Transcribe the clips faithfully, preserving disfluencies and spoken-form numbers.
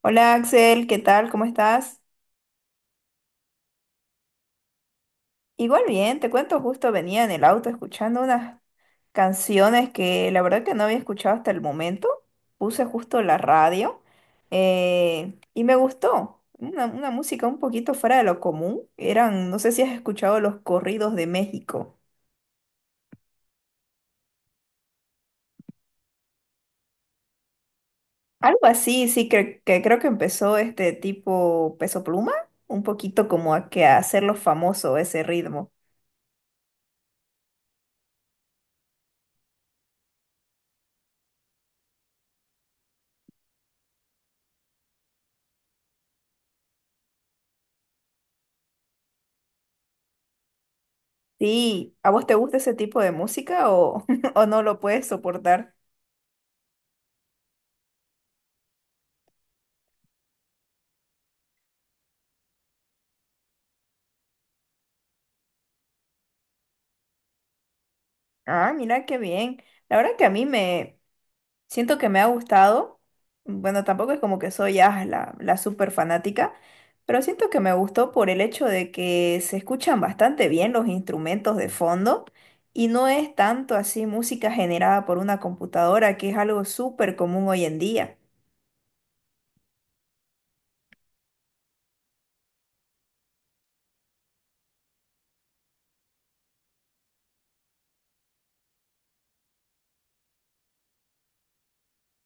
Hola Axel, ¿qué tal? ¿Cómo estás? Igual bien, te cuento, justo venía en el auto escuchando unas canciones que la verdad que no había escuchado hasta el momento. Puse justo la radio eh, y me gustó. Una, una música un poquito fuera de lo común. Eran, no sé si has escuchado los corridos de México. Algo así, sí, que, que creo que empezó este tipo Peso Pluma, un poquito como a, que a hacerlo famoso ese ritmo. Sí, ¿a vos te gusta ese tipo de música o, o no lo puedes soportar? Ah, mira qué bien. La verdad que a mí me siento que me ha gustado. Bueno, tampoco es como que soy ah, la, la súper fanática, pero siento que me gustó por el hecho de que se escuchan bastante bien los instrumentos de fondo y no es tanto así música generada por una computadora, que es algo súper común hoy en día.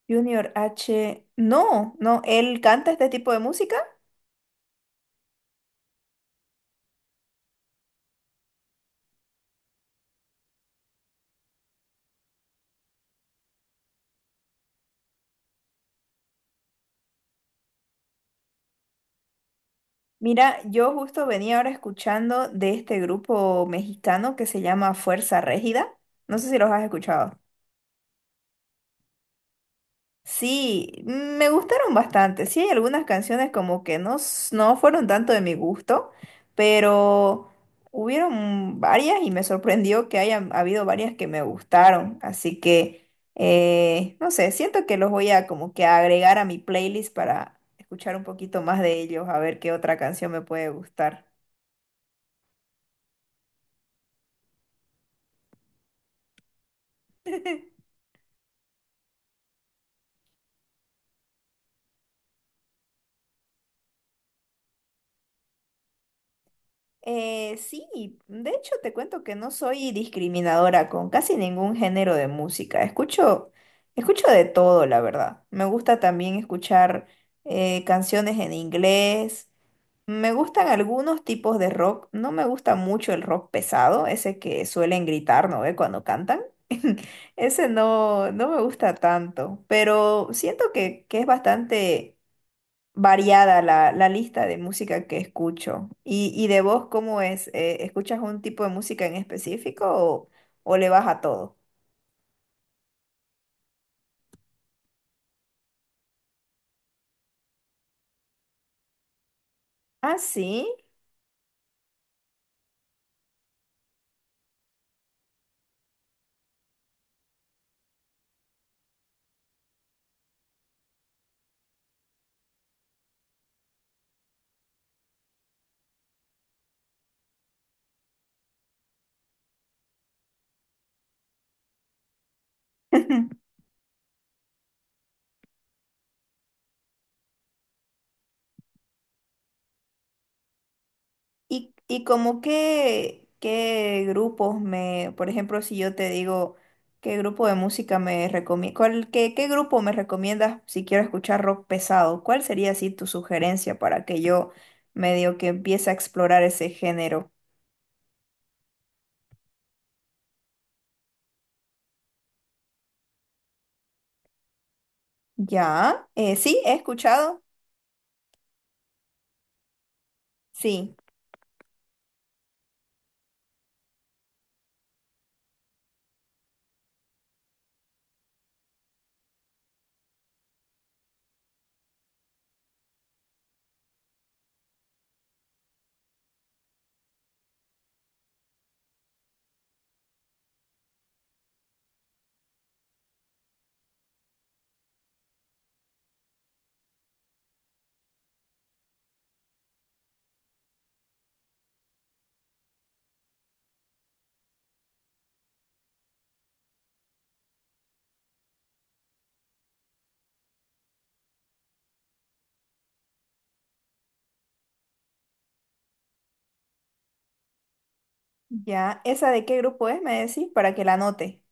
Junior H, no, no, ¿él canta este tipo de música? Mira, yo justo venía ahora escuchando de este grupo mexicano que se llama Fuerza Régida. No sé si los has escuchado. Sí, mm, me gustaron bastante. Sí, hay algunas canciones como que no, s- no fueron tanto de mi gusto, pero hubieron varias y me sorprendió que hayan habido varias que me gustaron. Así que, eh, no sé, siento que los voy a como que agregar a mi playlist para escuchar un poquito más de ellos, a ver qué otra canción me puede gustar. Eh, sí, de hecho te cuento que no soy discriminadora con casi ningún género de música. Escucho, escucho de todo, la verdad. Me gusta también escuchar eh, canciones en inglés. Me gustan algunos tipos de rock. No me gusta mucho el rock pesado, ese que suelen gritar, ¿no ve? Cuando cantan. Ese no, no me gusta tanto, pero siento que, que es bastante variada la, la lista de música que escucho. ¿Y, y de vos cómo es? Eh, ¿escuchas un tipo de música en específico o, o le vas a todo? Ah, sí. ¿Y, y como qué, qué grupos me, por ejemplo, si yo te digo qué grupo de música me recomiendas, qué, qué grupo me recomiendas si quiero escuchar rock pesado? ¿Cuál sería así tu sugerencia para que yo medio que empiece a explorar ese género? Ya, eh, sí, he escuchado, sí. Ya, ¿esa de qué grupo es? Me decís para que la anote.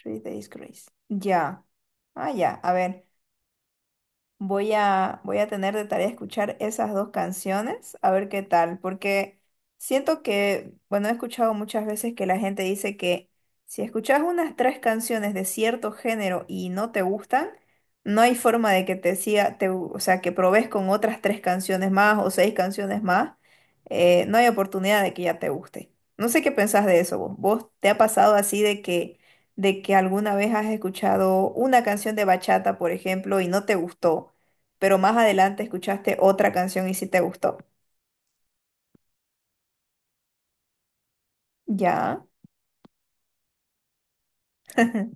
Three Days Grace. Ya. Ah, ya, a ver. Voy a, voy a tener de tarea escuchar esas dos canciones, a ver qué tal, porque siento que, bueno, he escuchado muchas veces que la gente dice que si escuchas unas tres canciones de cierto género y no te gustan, no hay forma de que te siga, te, o sea, que probes con otras tres canciones más o seis canciones más, eh, no hay oportunidad de que ya te guste. No sé qué pensás de eso vos. ¿Vos te ha pasado así de que de que alguna vez has escuchado una canción de bachata, por ejemplo, y no te gustó, pero más adelante escuchaste otra canción y sí te gustó? Ya.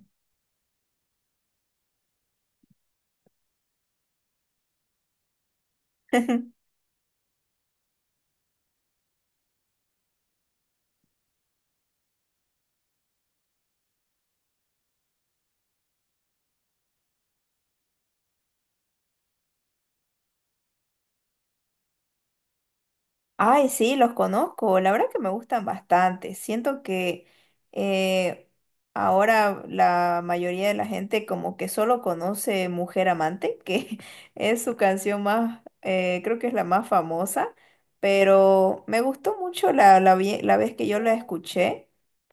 Ay, sí, los conozco. La verdad que me gustan bastante. Siento que eh, ahora la mayoría de la gente como que solo conoce Mujer Amante, que es su canción más, eh, creo que es la más famosa, pero me gustó mucho la, la, vi- la vez que yo la escuché.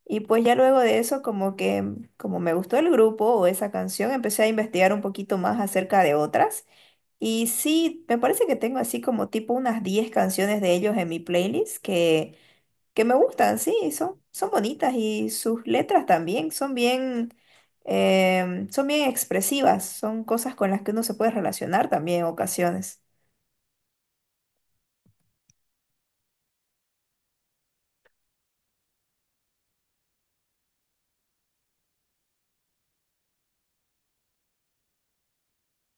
Y pues ya luego de eso, como que como me gustó el grupo o esa canción, empecé a investigar un poquito más acerca de otras. Y sí, me parece que tengo así como tipo unas diez canciones de ellos en mi playlist que, que me gustan, sí, son, son bonitas y sus letras también son bien, em, son bien expresivas, son cosas con las que uno se puede relacionar también en ocasiones.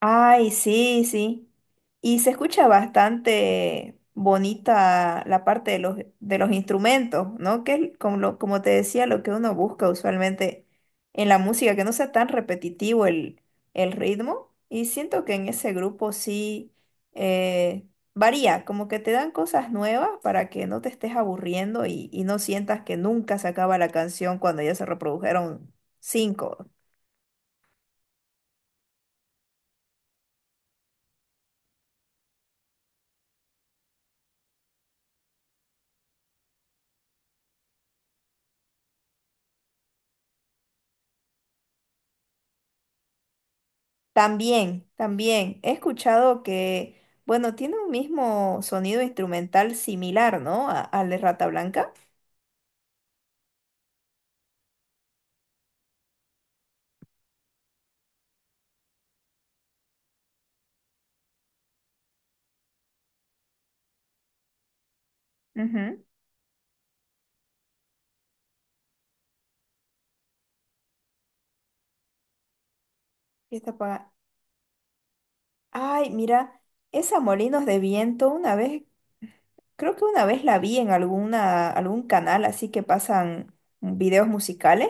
Ay, sí, sí. Y se escucha bastante bonita la parte de los, de los instrumentos, ¿no? Que es como, lo- como te decía, lo que uno busca usualmente en la música, que no sea tan repetitivo el, el ritmo. Y siento que en ese grupo sí eh, varía, como que te dan cosas nuevas para que no te estés aburriendo y, y no sientas que nunca se acaba la canción cuando ya se reprodujeron cinco. También, también. He escuchado que, bueno, tiene un mismo sonido instrumental similar, ¿no? A- al de Rata Blanca. Ujú. Y está Ay, mira, esa Molinos de Viento, una vez, creo que una vez la vi en alguna, algún canal, así que pasan videos musicales,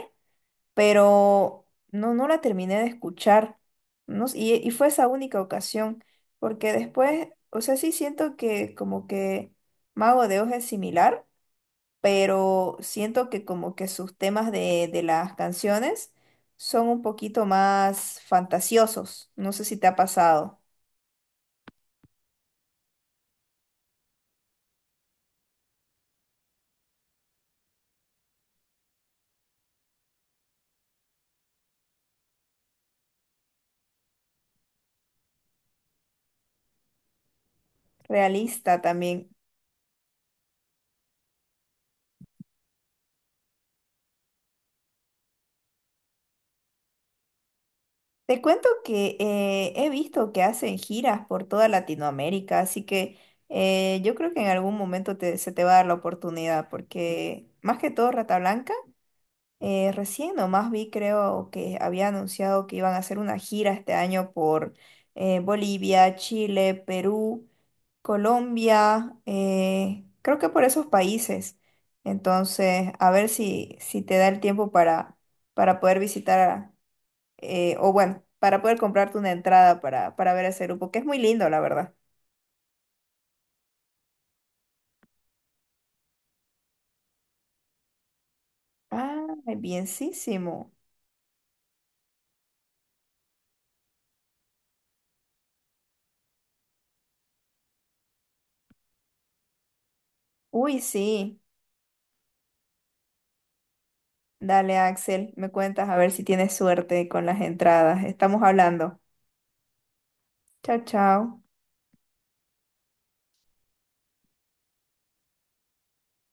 pero no, no la terminé de escuchar. No, s- y, y fue esa única ocasión, porque después, o sea, sí siento que como que Mago de Oz es similar, pero siento que como que sus temas de, de las canciones son un poquito más fantasiosos. No sé si te ha pasado. Realista también. Te cuento que eh, he visto que hacen giras por toda Latinoamérica, así que eh, yo creo que en algún momento te- se te va a dar la oportunidad, porque más que todo Rata Blanca. Eh, recién nomás vi, creo que había anunciado que iban a hacer una gira este año por eh, Bolivia, Chile, Perú, Colombia, eh, creo que por esos países. Entonces, a ver si, si te da el tiempo para, para poder visitar, eh, o bueno, para poder comprarte una entrada para, para ver ese grupo, que es muy lindo, la verdad. Ah, bienísimo. Uy, sí. Dale, Axel, me cuentas a ver si tienes suerte con las entradas. Estamos hablando. Chao, chao.